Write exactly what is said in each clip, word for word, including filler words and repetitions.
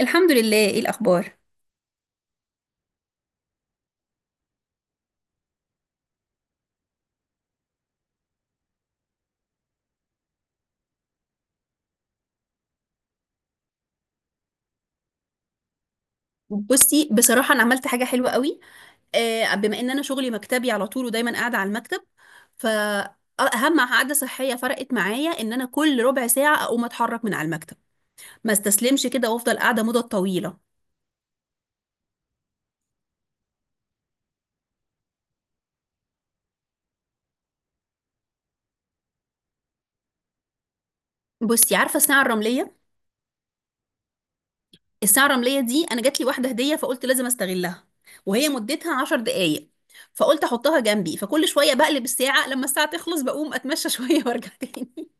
الحمد لله. ايه الاخبار؟ بصي، بصراحة أنا عملت حاجة حلوة قوي. آه، بما إن أنا شغلي مكتبي على طول ودايما قاعدة على المكتب، فأهم عادة صحية فرقت معايا إن أنا كل ربع ساعة أقوم أتحرك من على المكتب، ما استسلمش كده وأفضل قاعدة مدة طويلة. بصي، عارفة الساعة الرملية؟ الساعة الرملية دي أنا جات لي واحدة هدية، فقلت لازم أستغلها، وهي مدتها عشر دقايق. فقلت أحطها جنبي، فكل شوية بقلب الساعة، لما الساعة تخلص بقوم أتمشى شوية وأرجع تاني.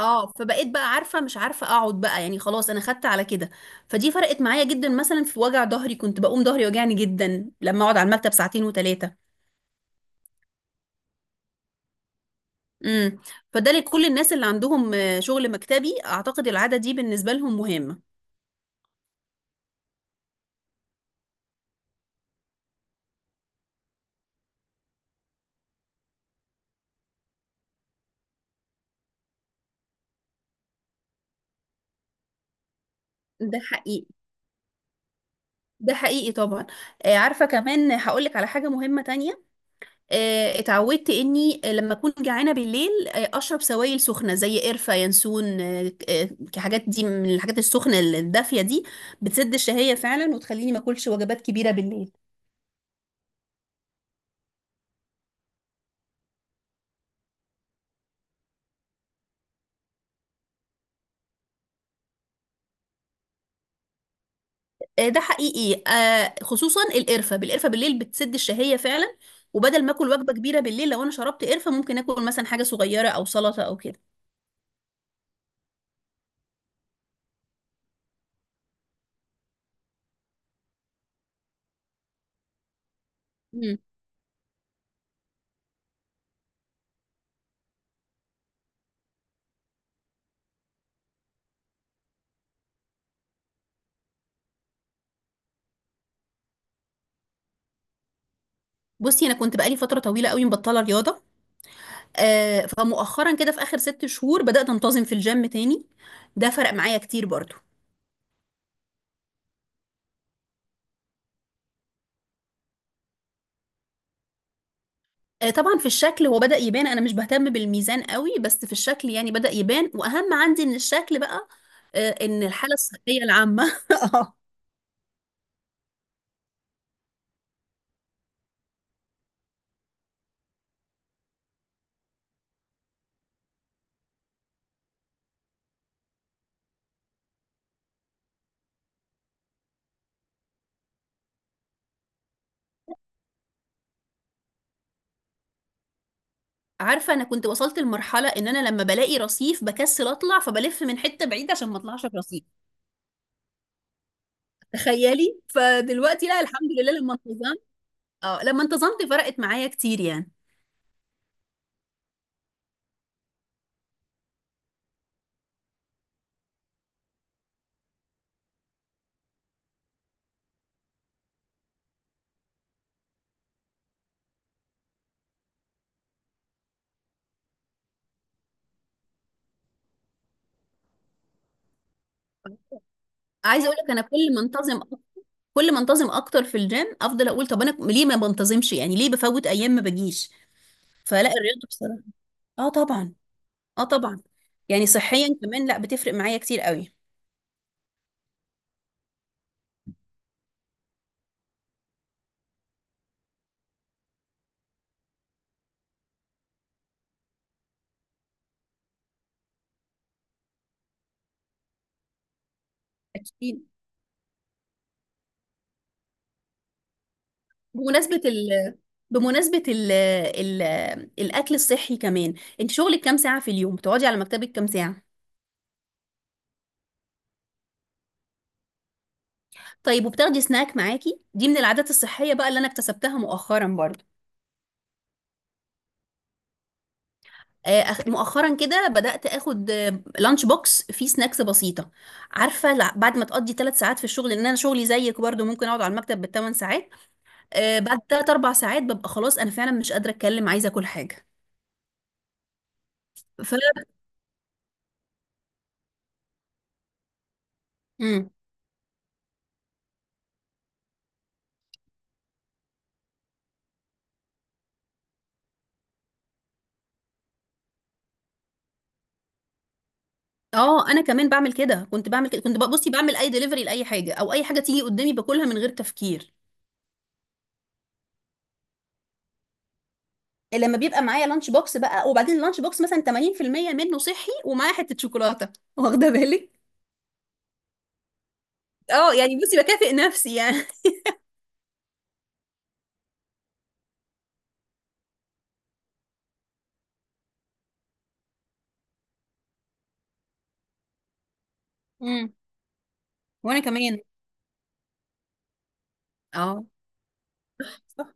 اه، فبقيت بقى عارفه مش عارفه اقعد بقى، يعني خلاص انا خدت على كده. فدي فرقت معايا جدا، مثلا في وجع ظهري كنت بقوم ظهري يوجعني جدا لما اقعد على المكتب ساعتين وثلاثه. امم فده لكل الناس اللي عندهم آه، شغل مكتبي، اعتقد العاده دي بالنسبه لهم مهمه. ده حقيقي، ده حقيقي طبعا. آه، عارفه كمان هقول لك على حاجه مهمه تانية. آه، اتعودت اني لما اكون جعانه بالليل آه، اشرب سوائل سخنه زي قرفه ينسون. آه، آه، الحاجات دي من الحاجات السخنه الدافيه دي بتسد الشهيه فعلا وتخليني ما اكلش وجبات كبيره بالليل. آه، ده حقيقي. آه، خصوصا القرفه، بالقرفه بالليل بتسد الشهيه فعلا. وبدل ما اكل وجبه كبيره بالليل، لو انا شربت قرفه ممكن اكل مثلا حاجه صغيره او سلطه او كده. مم. بصي انا كنت بقالي فتره طويله قوي مبطله رياضه. آه، فمؤخرا كده في اخر ست شهور بدات انتظم في الجيم تاني. ده فرق معايا كتير برضو. آه، طبعا في الشكل، هو بدأ يبان. انا مش بهتم بالميزان قوي، بس في الشكل يعني بدأ يبان، واهم عندي من الشكل بقى آه، ان الحالة الصحية العامة آه. عارفة انا كنت وصلت لمرحلة ان انا لما بلاقي رصيف بكسل اطلع، فبلف من حتة بعيدة عشان ما اطلعش في رصيف. تخيلي، فدلوقتي لا، الحمد لله لما انتظمت. اه لما انتظمت فرقت معايا كتير يعني. عايزه اقول لك، انا كل ما انتظم، كل ما انتظم اكتر في الجيم افضل اقول طب انا ليه ما بنتظمش، يعني ليه بفوت ايام ما بجيش. فلا، الرياضه بصراحه. اه طبعا، اه طبعا. يعني صحيا كمان لا، بتفرق معايا كتير قوي. اكيد. بمناسبه ال بمناسبه ال ال الاكل الصحي كمان، انت شغلك كام ساعه في اليوم، بتقعدي على مكتبك كام ساعه؟ طيب، وبتاخدي سناك معاكي؟ دي من العادات الصحيه بقى اللي انا اكتسبتها مؤخرا برضه. آه، أخ- مؤخرا كده بدأت اخد لانش بوكس فيه سناكس بسيطة. عارفة لع- بعد ما تقضي ثلاث ساعات في الشغل، لان انا شغلي زيك برضو، ممكن اقعد على المكتب بالثمان ساعات. آه، بعد ثلاث اربع ساعات ببقى خلاص انا فعلا مش قادرة اتكلم، عايزة اكل حاجة. ف مم. اه انا كمان بعمل كده، كنت بعمل كده كنت بصي بعمل اي دليفري لاي حاجة او اي حاجة تيجي قدامي باكلها من غير تفكير. لما بيبقى معايا لانش بوكس بقى، وبعدين اللانش بوكس مثلا ثمانين في المية منه صحي ومعاه حتة شوكولاتة واخدة بالك؟ اه يعني بصي بكافئ نفسي يعني. امم وانا كمان. اه صح.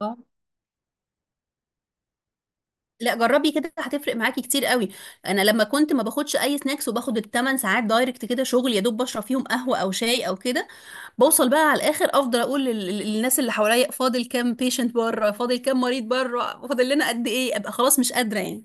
اه لا، جربي كده هتفرق معاكي كتير قوي. انا لما كنت ما باخدش اي سناكس، وباخد الثمان ساعات دايركت كده شغل، يا دوب بشرب فيهم قهوه او شاي او كده، بوصل بقى على الاخر افضل اقول لل- لل- للناس اللي حواليا فاضل كام بيشنت بره، فاضل كام مريض بره، فاضل لنا قد ايه، ابقى خلاص مش قادره يعني.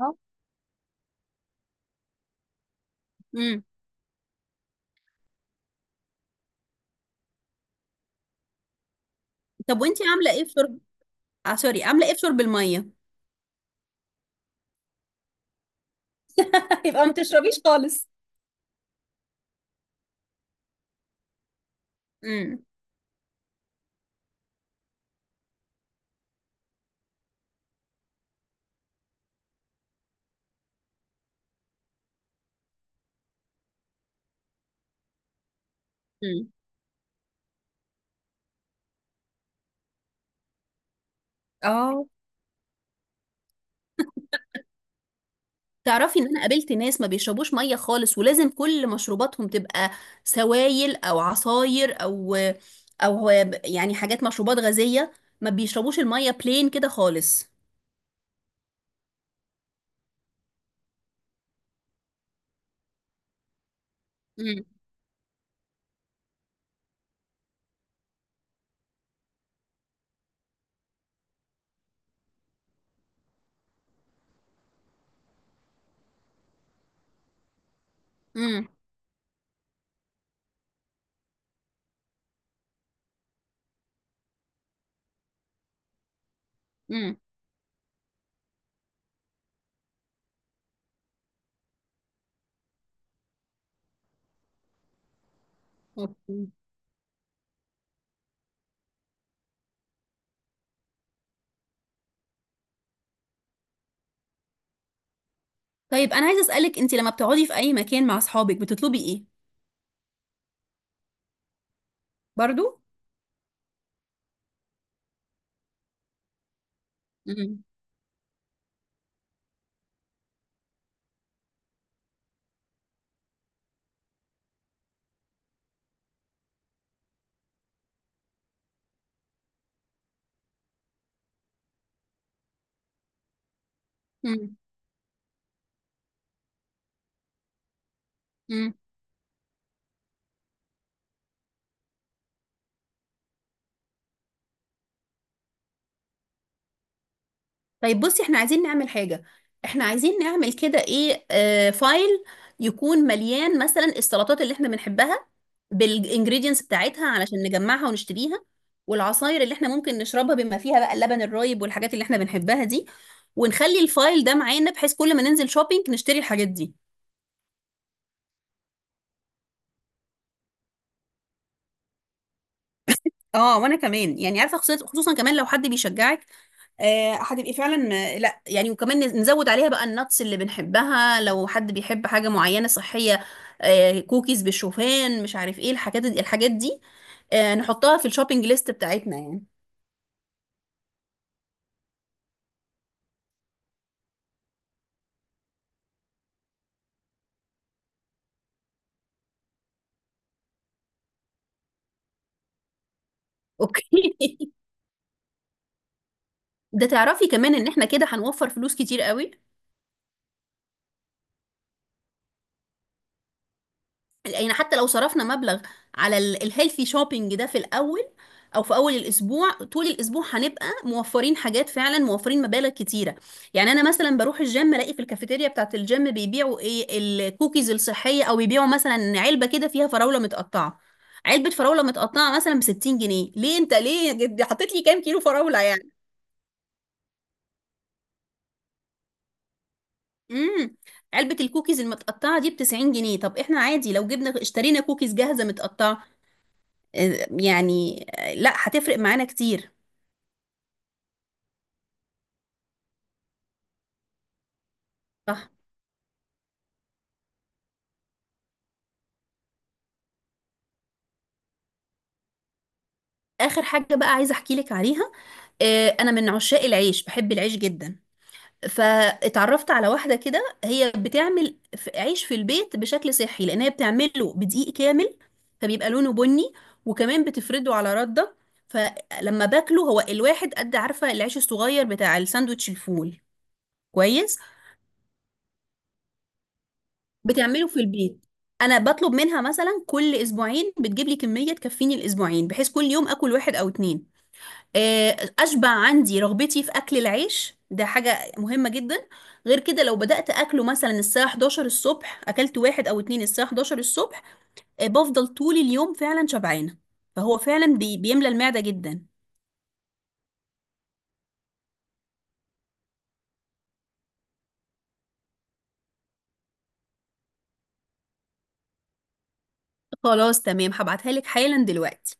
آه. امم طب وانتي عامله ايه في شرب؟ آه سوري، عامله ايه في شرب الميه؟ يبقى ما تشربيش خالص. امم امم اه، تعرفي ان انا قابلت ناس ما بيشربوش ميه خالص، ولازم كل مشروباتهم تبقى سوائل او عصاير او او يعني حاجات، مشروبات غازيه. ما بيشربوش الميه بلين كده خالص. امم امم امم اوكي. طيب، انا عايزه اسالك انت لما بتقعدي في اي مكان مع اصحابك بتطلبي ايه؟ برضو. امم طيب بصي، احنا عايزين نعمل حاجة، احنا عايزين نعمل كده ايه، آه، فايل يكون مليان مثلا السلطات اللي احنا بنحبها بالانجريدينتس بتاعتها علشان نجمعها ونشتريها، والعصاير اللي احنا ممكن نشربها بما فيها بقى اللبن الرايب والحاجات اللي احنا بنحبها دي، ونخلي الفايل ده معانا بحيث كل ما ننزل شوبينج نشتري الحاجات دي. اه وانا كمان يعني، عارفة خصوصا، خصوصاً كمان لو حد بيشجعك آه، هتبقي فعلا. آه، لا يعني، وكمان نز- نزود عليها بقى النتس اللي بنحبها، لو حد بيحب حاجة معينة صحية، آه، كوكيز بالشوفان، مش عارف ايه الحاجات دي، الحاجات دي آه، نحطها في الشوبينج ليست بتاعتنا يعني. اوكي ده تعرفي كمان ان احنا كده هنوفر فلوس كتير قوي؟ يعني حتى لو صرفنا مبلغ على الهيلثي شوبينج ده في الاول، او في اول الاسبوع، طول الاسبوع هنبقى موفرين حاجات، فعلا موفرين مبالغ كتيره. يعني انا مثلا بروح الجيم الاقي في الكافيتيريا بتاعه الجيم بيبيعوا ايه، الكوكيز الصحيه، او بيبيعوا مثلا علبه كده فيها فراوله متقطعه، علبه فراوله متقطعه مثلا ب ستين جنيه. ليه انت ليه جد- حطيت لي كام كيلو فراوله يعني؟ امم علبه الكوكيز المتقطعه دي ب تسعين جنيه. طب احنا عادي لو جبنا اشترينا كوكيز جاهزه متقطعه آه، يعني آه، لا، هتفرق معانا كتير. صح. اخر حاجه بقى عايزه احكي لك عليها، آه، انا من عشاق العيش، بحب العيش جدا. فاتعرفت على واحده كده هي بتعمل ف- عيش في البيت بشكل صحي، لان هي بتعمله بدقيق كامل فبيبقى لونه بني، وكمان بتفرده على رده. فلما باكله هو الواحد قد، عارفه، العيش الصغير بتاع الساندوتش الفول؟ كويس. بتعمله في البيت. انا بطلب منها مثلا كل اسبوعين بتجيب لي كميه تكفيني الاسبوعين، بحيث كل يوم اكل واحد او اتنين. آه، اشبع عندي رغبتي في اكل العيش، ده حاجه مهمه جدا. غير كده، لو بدات اكله مثلا الساعه حداشر الصبح، اكلت واحد او اتنين الساعه حداشر الصبح، آه، بفضل طول اليوم فعلا شبعانه. فهو فعلا بي- بيملى المعده جدا. خلاص تمام، هبعتها لك حالا دلوقتي.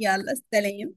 يلا سلام.